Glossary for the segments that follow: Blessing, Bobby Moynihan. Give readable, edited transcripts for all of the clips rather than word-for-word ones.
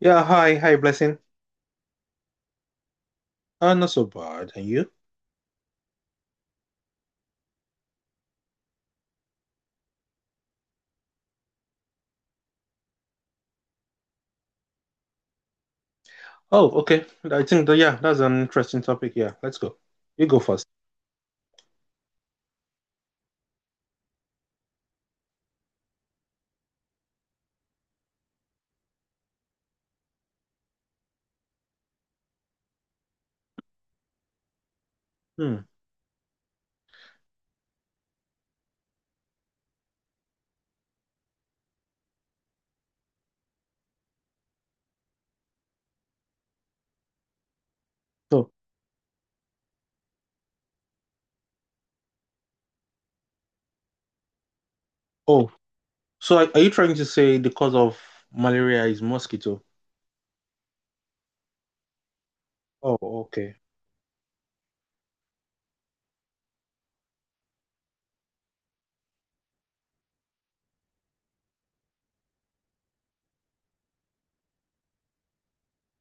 Yeah, hi, Blessing. Not so bad. And you? Oh, okay. I think that, yeah, that's an interesting topic. Yeah, let's go. You go first. Hmm. So, oh, so are you trying to say the cause of malaria is mosquito? Oh, okay.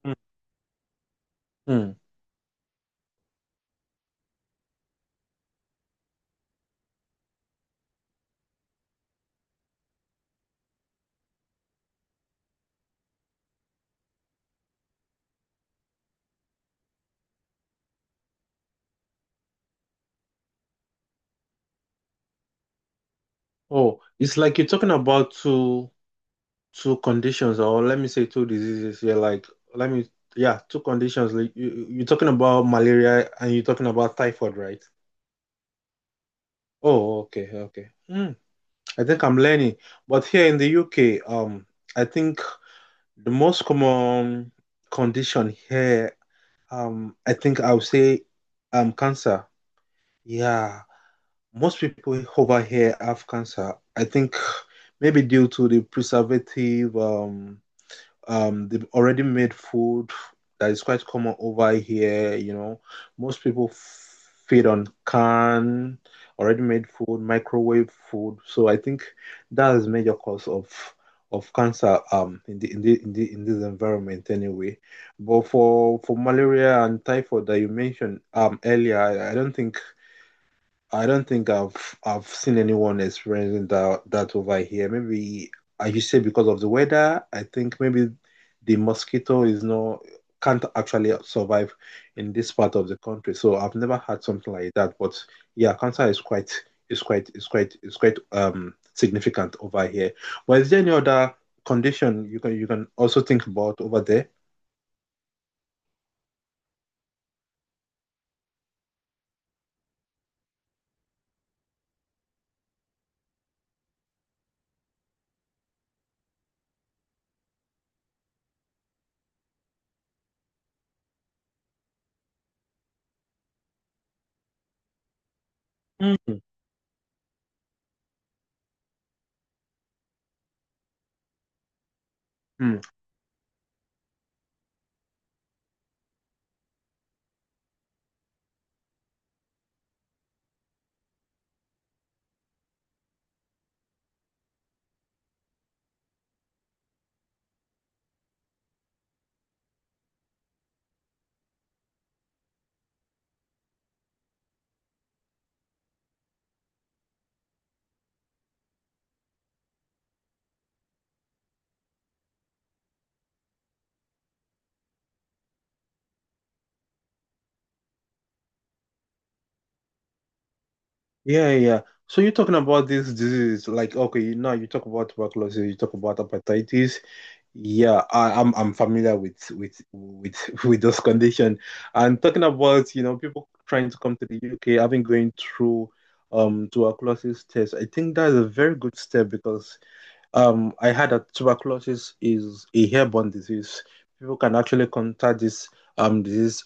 Hmm. hmm. Oh, it's like you're talking about two conditions, or let me say two diseases. Yeah, let me, yeah, two conditions. Like you're talking about malaria and you're talking about typhoid, right? Oh, okay. Hmm. I think I'm learning. But here in the UK, I think the most common condition here, I think I would say, cancer. Yeah, most people over here have cancer. I think maybe due to the preservative, they've already made food that is quite common over here. You know, most people feed on canned, already made food, microwave food. So I think that is major cause of cancer in the in this environment anyway. But for malaria and typhoid that you mentioned earlier, I don't think I don't think I've seen anyone experiencing that over here. Maybe as you say because of the weather, I think maybe the mosquito is not can't actually survive in this part of the country. So I've never had something like that. But yeah, cancer is quite is quite is quite is quite significant over here. But is there any other condition you can also think about over there? Mm. Mm. Yeah, yeah. So you're talking about this disease, like okay, now you talk about tuberculosis, you talk about hepatitis. Yeah, I'm familiar with with those condition. And talking about, you know, people trying to come to the UK, having going through tuberculosis test, I think that's a very good step because I heard that tuberculosis is a airborne disease. People can actually contact this disease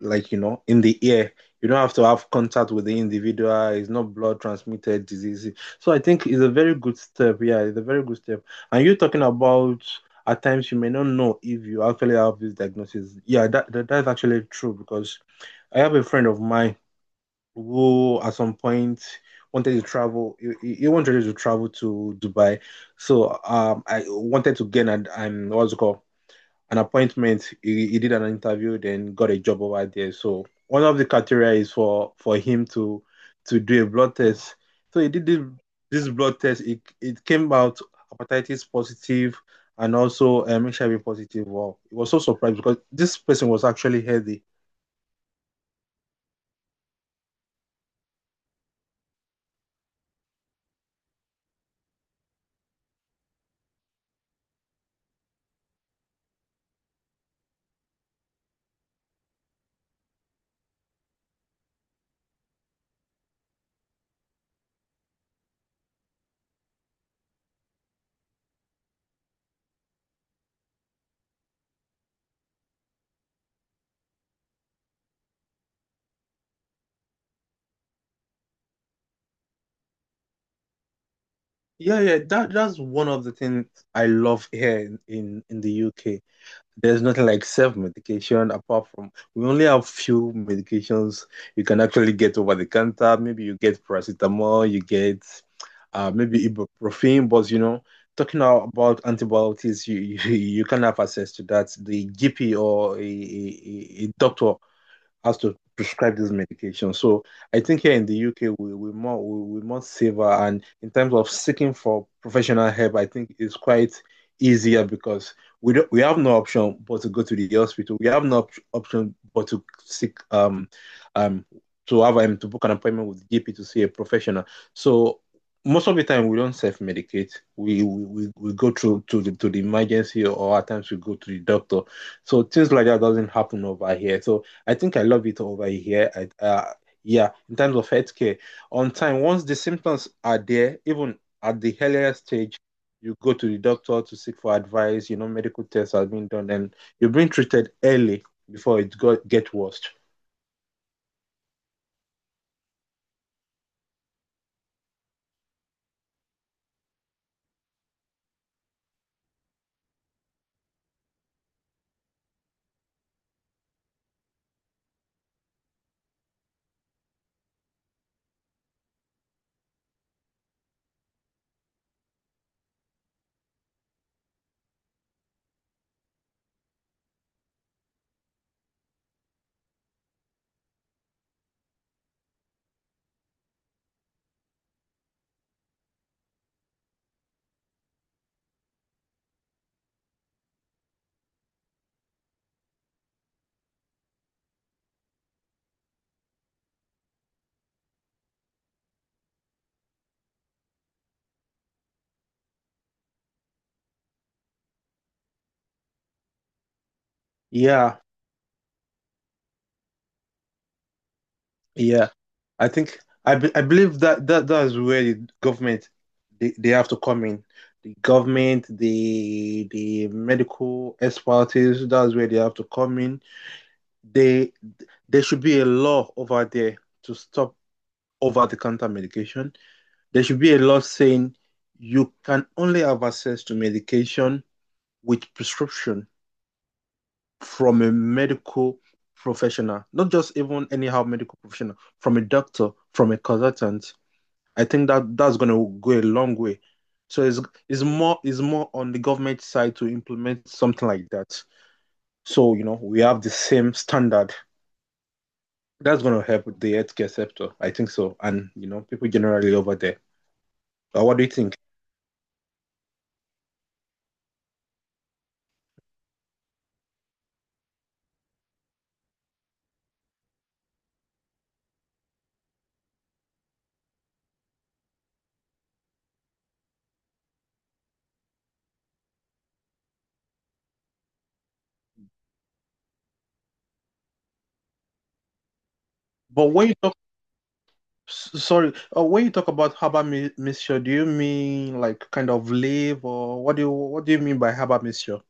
like you know in the air. You don't have to have contact with the individual. It's not blood transmitted disease, so I think it's a very good step. Yeah, it's a very good step. And you are talking about, at times you may not know if you actually have this diagnosis. Yeah, that, that's actually true because I have a friend of mine who at some point wanted to travel. He wanted to travel to Dubai. So I wanted to get an what's it called, an appointment. He did an interview, then got a job over there. So one of the criteria is for him to do a blood test. So this blood test. It came out hepatitis positive and also HIV positive. Wow, it was so surprised because this person was actually healthy. Yeah, yeah, that's one of the things I love here in the UK. There's nothing like self-medication apart from we only have few medications you can actually get over the counter. Maybe you get paracetamol, you get maybe ibuprofen, but you know, talking about antibiotics, you you can have access to that. The GP or a doctor has to prescribe this medication. So I think here in the UK we more saver and in terms of seeking for professional help, I think it's quite easier because we have no option but to go to the hospital. We have no option but to seek um to have to book an appointment with GP to see a professional. So most of the time we don't self-medicate. We go through to the emergency or at times we go to the doctor. So things like that doesn't happen over here. So I think I love it over here. Yeah, in terms of healthcare, on time, once the symptoms are there, even at the earlier stage, you go to the doctor to seek for advice, you know, medical tests have been done, and you're being treated early before it got get worse. Yeah, yeah. I think I believe that that's where the government, they have to come in. The government, the medical expertise, that's where they have to come in. They There should be a law over there to stop over-the-counter medication. There should be a law saying you can only have access to medication with prescription from a medical professional, not just even anyhow medical professional, from a doctor, from a consultant. I think that that's going to go a long way. So it's more on the government side to implement something like that. So you know we have the same standard. That's going to help with the healthcare sector. I think so. And, you know, people generally over there. What do you think? But when you talk, s- sorry, When you talk about herbal mixture, do you mean like kind of leaf or what do you mean by herbal mixture?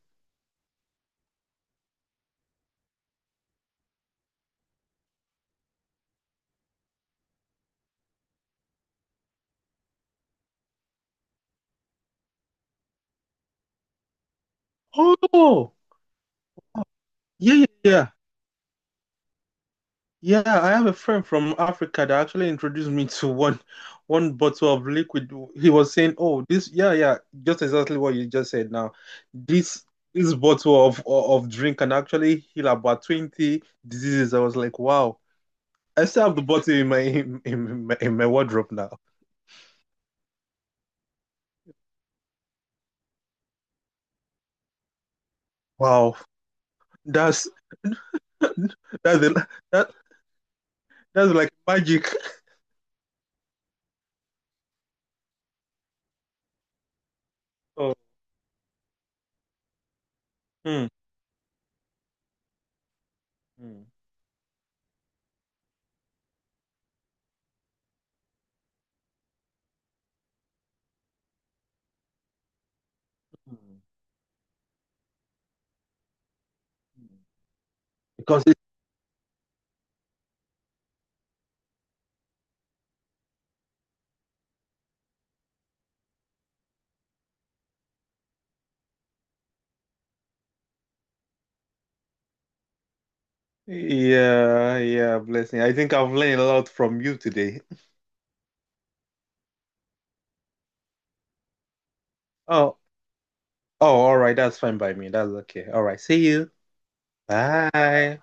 Oh, yeah, yeah, yeah. Yeah, I have a friend from Africa that actually introduced me to one bottle of liquid. He was saying, "Oh, this, yeah, yeah, just exactly what you just said now. This this bottle of drink can actually heal about 20 diseases." I was like, "Wow." I still have the bottle in my in my in my wardrobe now. Wow. That's that's that that's like magic. Oh. Hmm. Mm, mm, mm. Because yeah, yeah, Blessing. I think I've learned a lot from you today. Oh, oh, all right. That's fine by me. That's okay. All right. See you. Bye.